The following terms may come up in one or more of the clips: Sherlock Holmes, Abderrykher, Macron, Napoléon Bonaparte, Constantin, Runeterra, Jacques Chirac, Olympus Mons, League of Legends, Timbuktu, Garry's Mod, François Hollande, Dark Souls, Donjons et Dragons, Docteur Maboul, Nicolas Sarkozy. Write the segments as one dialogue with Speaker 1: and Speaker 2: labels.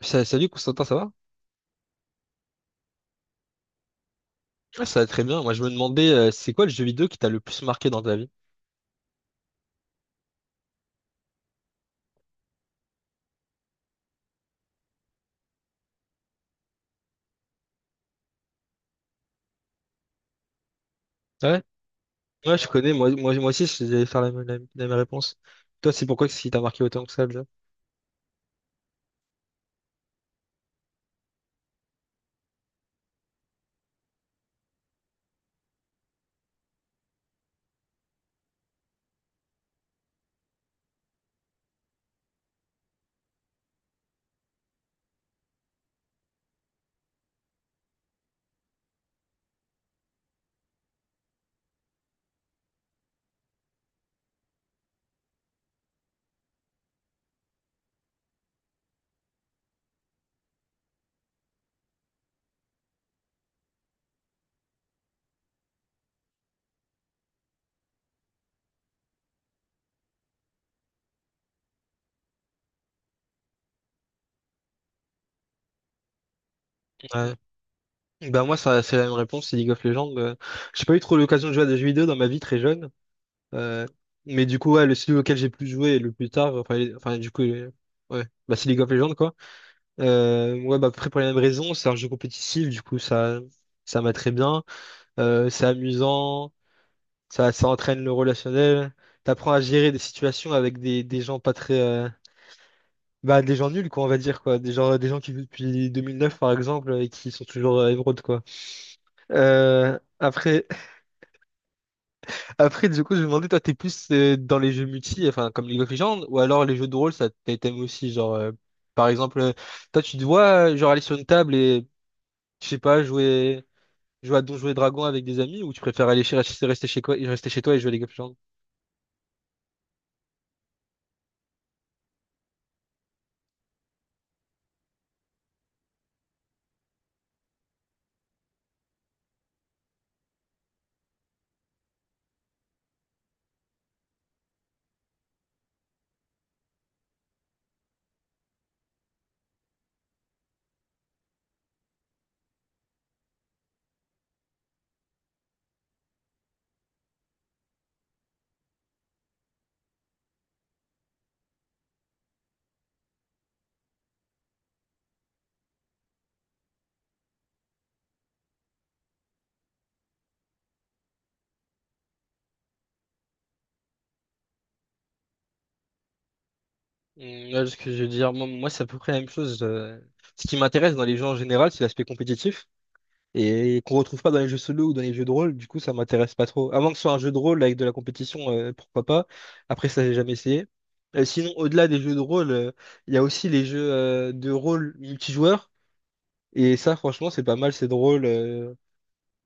Speaker 1: Salut Constantin, ça va? Ouais, ça va très bien. Moi, je me demandais, c'est quoi le jeu vidéo qui t'a le plus marqué dans ta vie? Ouais, ouais, je connais. Moi, aussi, j'allais faire la, même la même réponse. Toi, c'est pourquoi que ce qui t'a marqué autant que ça, déjà? Ouais. Ben moi, ça, c'est la même réponse, c'est League of Legends. J'ai pas eu trop l'occasion de jouer à des jeux vidéo dans ma vie très jeune. Euh, mais du coup, ouais, le celui auquel j'ai plus joué le plus tard, enfin, enfin du coup, ouais, bah, c'est League of Legends, quoi. Ouais, bah, après, pour les mêmes raisons, c'est un jeu compétitif, du coup, ça m'a très bien. C'est amusant. Ça entraîne le relationnel. T'apprends à gérer des situations avec des gens pas très... bah, des gens nuls, quoi, on va dire, quoi. Des gens qui vivent depuis 2009, par exemple, et qui sont toujours émeraudes, quoi. Après, après, du coup, je me demandais, toi, t'es plus dans les jeux multi, enfin, comme League of Legends, ou alors les jeux de rôle, t'aimes aussi, genre... par exemple, toi, tu te vois, genre, aller sur une table et, je sais pas, jouer à Donjons et Dragons avec des amis, ou tu préfères aller chez, rester chez quoi, rester chez toi et jouer à League of Legends? Mm, ouais, ce que je veux dire, moi, c'est à peu près la même chose. Ce qui m'intéresse dans les jeux en général, c'est l'aspect compétitif et qu'on retrouve pas dans les jeux solo ou dans les jeux de rôle. Du coup, ça m'intéresse pas trop. À moins que ce soit un jeu de rôle avec de la compétition, pourquoi pas. Après, ça, j'ai jamais essayé. Sinon, au-delà des jeux de rôle, il y a aussi les jeux de rôle multijoueurs. Et ça, franchement, c'est pas mal, c'est drôle.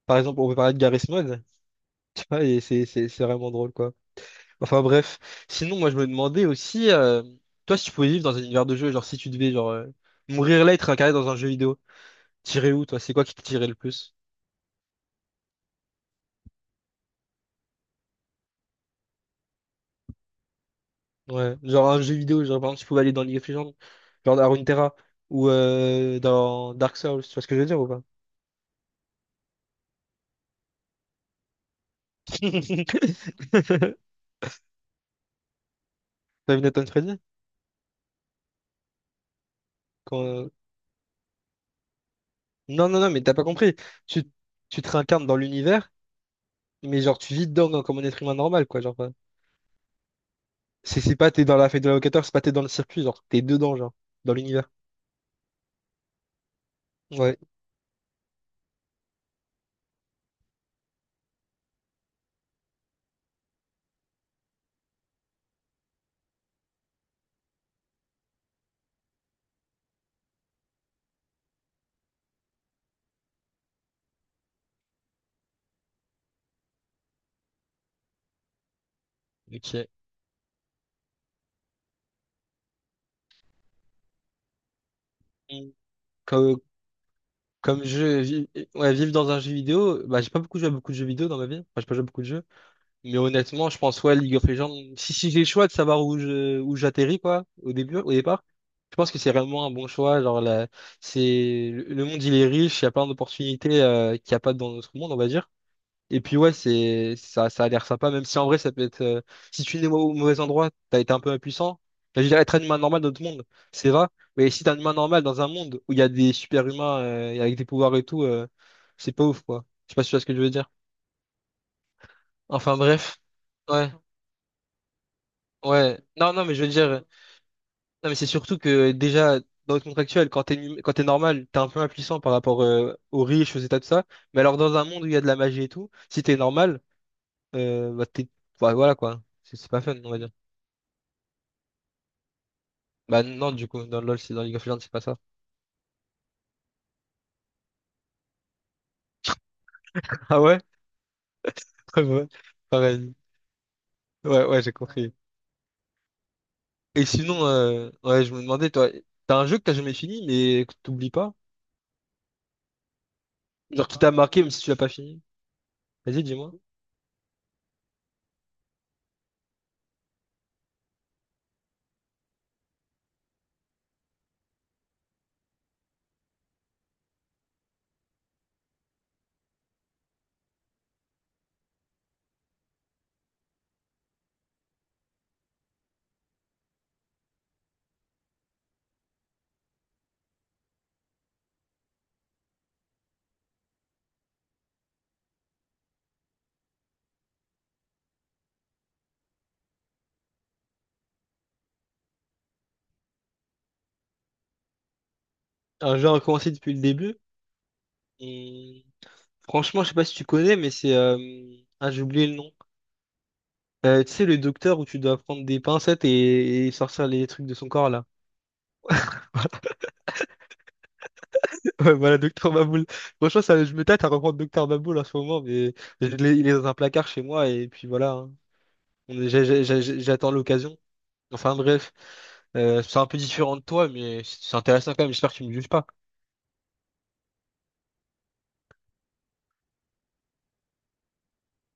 Speaker 1: Par exemple, on peut parler de Garry's Mod, tu vois, et c'est vraiment drôle, quoi. Enfin bref. Sinon, moi je me demandais aussi, toi si tu pouvais vivre dans un univers de jeu, genre si tu devais genre mourir là et te réincarner dans un jeu vidéo, t'irais où toi? C'est quoi qui te tirait le plus? Ouais, genre un jeu vidéo, genre par exemple tu pouvais aller dans League of Legends, genre à Runeterra ou dans Dark Souls, tu vois ce que je veux dire ou pas? T'as vu Nathan Freddy? Quand, euh, Non, non, non, mais t'as pas compris. Tu, tu te réincarnes dans l'univers, mais genre tu vis dedans comme un être humain normal, quoi. Genre, c'est pas t'es dans la fête de l'avocateur, c'est pas t'es dans le circuit, genre t'es dedans, genre, dans l'univers. Ouais, ok. Mm. Comme, comme jeu, ouais, vivre dans un jeu vidéo, bah, j'ai pas beaucoup joué à beaucoup de jeux vidéo dans ma vie. Enfin, j'ai pas joué à beaucoup de jeux. Mais honnêtement, je pense, ouais, League of Legends, si j'ai le choix de savoir où j'atterris, quoi, au début, au départ, je pense que c'est vraiment un bon choix. Genre, là, le monde, il est riche, il y a plein d'opportunités, qu'il n'y a pas dans notre monde, on va dire. Et puis ouais, ça a l'air sympa, même si en vrai ça peut être si tu es au mauvais endroit, t'as été un peu impuissant. Là, je veux dire être un humain normal dans notre monde, c'est vrai. Mais si t'es un humain normal dans un monde où il y a des super-humains et avec des pouvoirs et tout, c'est pas ouf quoi. Je sais pas si tu vois ce que je veux dire. Enfin bref. Ouais, ouais. Non, non, mais je veux dire. Non, mais c'est surtout que déjà, dans notre monde actuel, quand t'es normal, t'es un peu impuissant par rapport aux riches, aux états, tout ça. Mais alors dans un monde où il y a de la magie et tout, si t'es normal. Bah, bah, voilà quoi. C'est pas fun, on va dire. Bah non, du coup, dans LoL, c'est dans League of Legends, c'est pas ça. Ah ouais? Ouais, ouais. Pareil. Ouais, ouais, j'ai compris. Et sinon, ouais, je me demandais, toi, t'as un jeu que t'as jamais fini, mais que t'oublies pas? Genre qui t'a marqué même si tu l'as pas fini? Vas-y, dis-moi. Un jeu à recommencer depuis le début. Et franchement, je sais pas si tu connais, mais c'est... ah, j'ai oublié le nom. Tu sais, le docteur où tu dois prendre des pincettes et sortir les trucs de son corps, là. Ouais, voilà, Docteur Maboul. Franchement, ça, je me tâte à reprendre Docteur Maboul en ce moment, mais il est dans un placard chez moi, et puis voilà. Hein. J'attends l'occasion. Enfin, bref. C'est un peu différent de toi, mais c'est intéressant quand même. J'espère que tu me juges pas.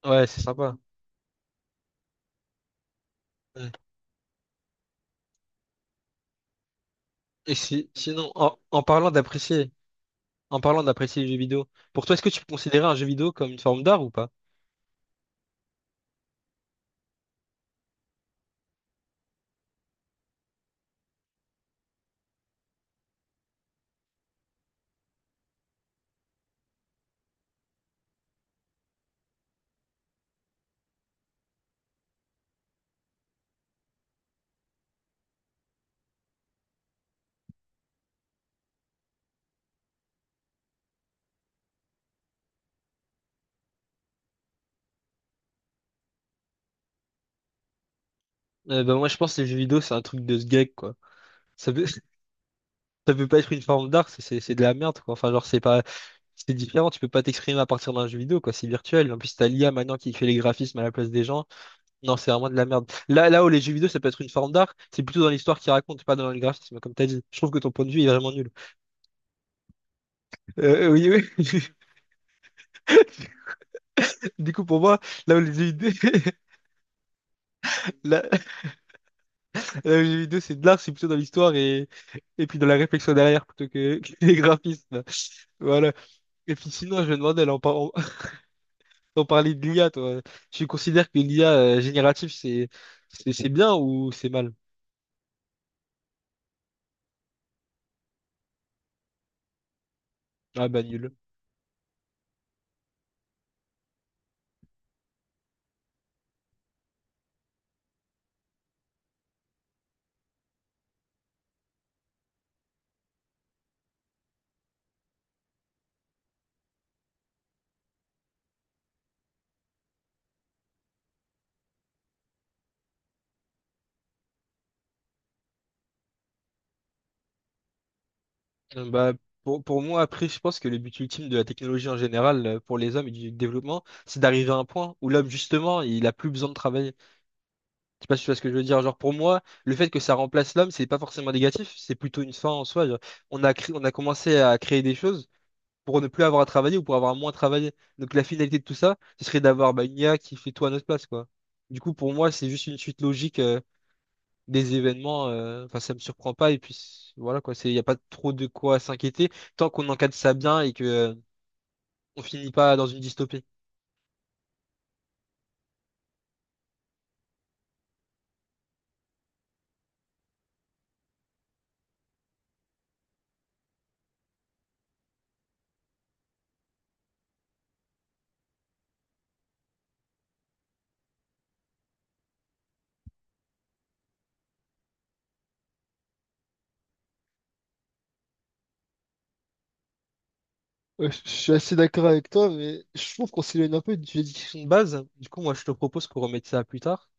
Speaker 1: Ouais, c'est sympa. Ouais. Et si, sinon, en parlant d'apprécier les jeux vidéo, pour toi, est-ce que tu peux considérer un jeu vidéo comme une forme d'art ou pas? Ben moi, je pense que les jeux vidéo, c'est un truc de ce geek, quoi. Ça, peut- ça peut pas être une forme d'art, c'est de la merde, quoi. Enfin, genre, c'est différent, tu peux pas t'exprimer à partir d'un jeu vidéo, quoi, c'est virtuel. En plus, t'as l'IA maintenant qui fait les graphismes à la place des gens. Non, c'est vraiment de la merde. Là où les jeux vidéo, ça peut être une forme d'art, c'est plutôt dans l'histoire qu'ils racontent, pas dans le graphisme, comme t'as dit. Je trouve que ton point de vue est vraiment nul. Oui, oui. Du coup, pour moi, là où les jeux vidéo, là où les jeux vidéo, c'est de l'art, c'est plutôt dans l'histoire et puis dans la réflexion derrière, plutôt que, que les graphismes. Voilà. Et puis sinon, je me demandais, là, on parlait de l'IA, toi. Tu considères que l'IA générative, c'est bien ou c'est mal? Ah bah nul. Euh, Bah, pour moi, après, je pense que le but ultime de la technologie en général, pour les hommes et du développement, c'est d'arriver à un point où l'homme, justement, il a plus besoin de travailler. Je sais pas si tu vois ce que je veux dire. Genre, pour moi, le fait que ça remplace l'homme, c'est pas forcément négatif, c'est plutôt une fin en soi. Genre, on a commencé à créer des choses. Pour ne plus avoir à travailler ou pour avoir moins travaillé. Donc la finalité de tout ça, ce serait d'avoir bah, une IA qui fait tout à notre place, quoi. Du coup, pour moi, c'est juste une suite logique des événements. Enfin, ça me surprend pas. Et puis voilà, quoi. Il n'y a pas trop de quoi s'inquiéter tant qu'on encadre ça bien et que on finit pas dans une dystopie. Ouais, je suis assez d'accord avec toi, mais je trouve qu'on s'éloigne un peu du Discussion de base. Du coup, moi, je te propose qu'on remette ça à plus tard.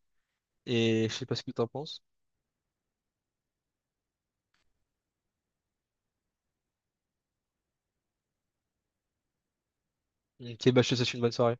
Speaker 1: Et je sais pas ce que tu en penses. Ok, bah, je te souhaite une bonne soirée.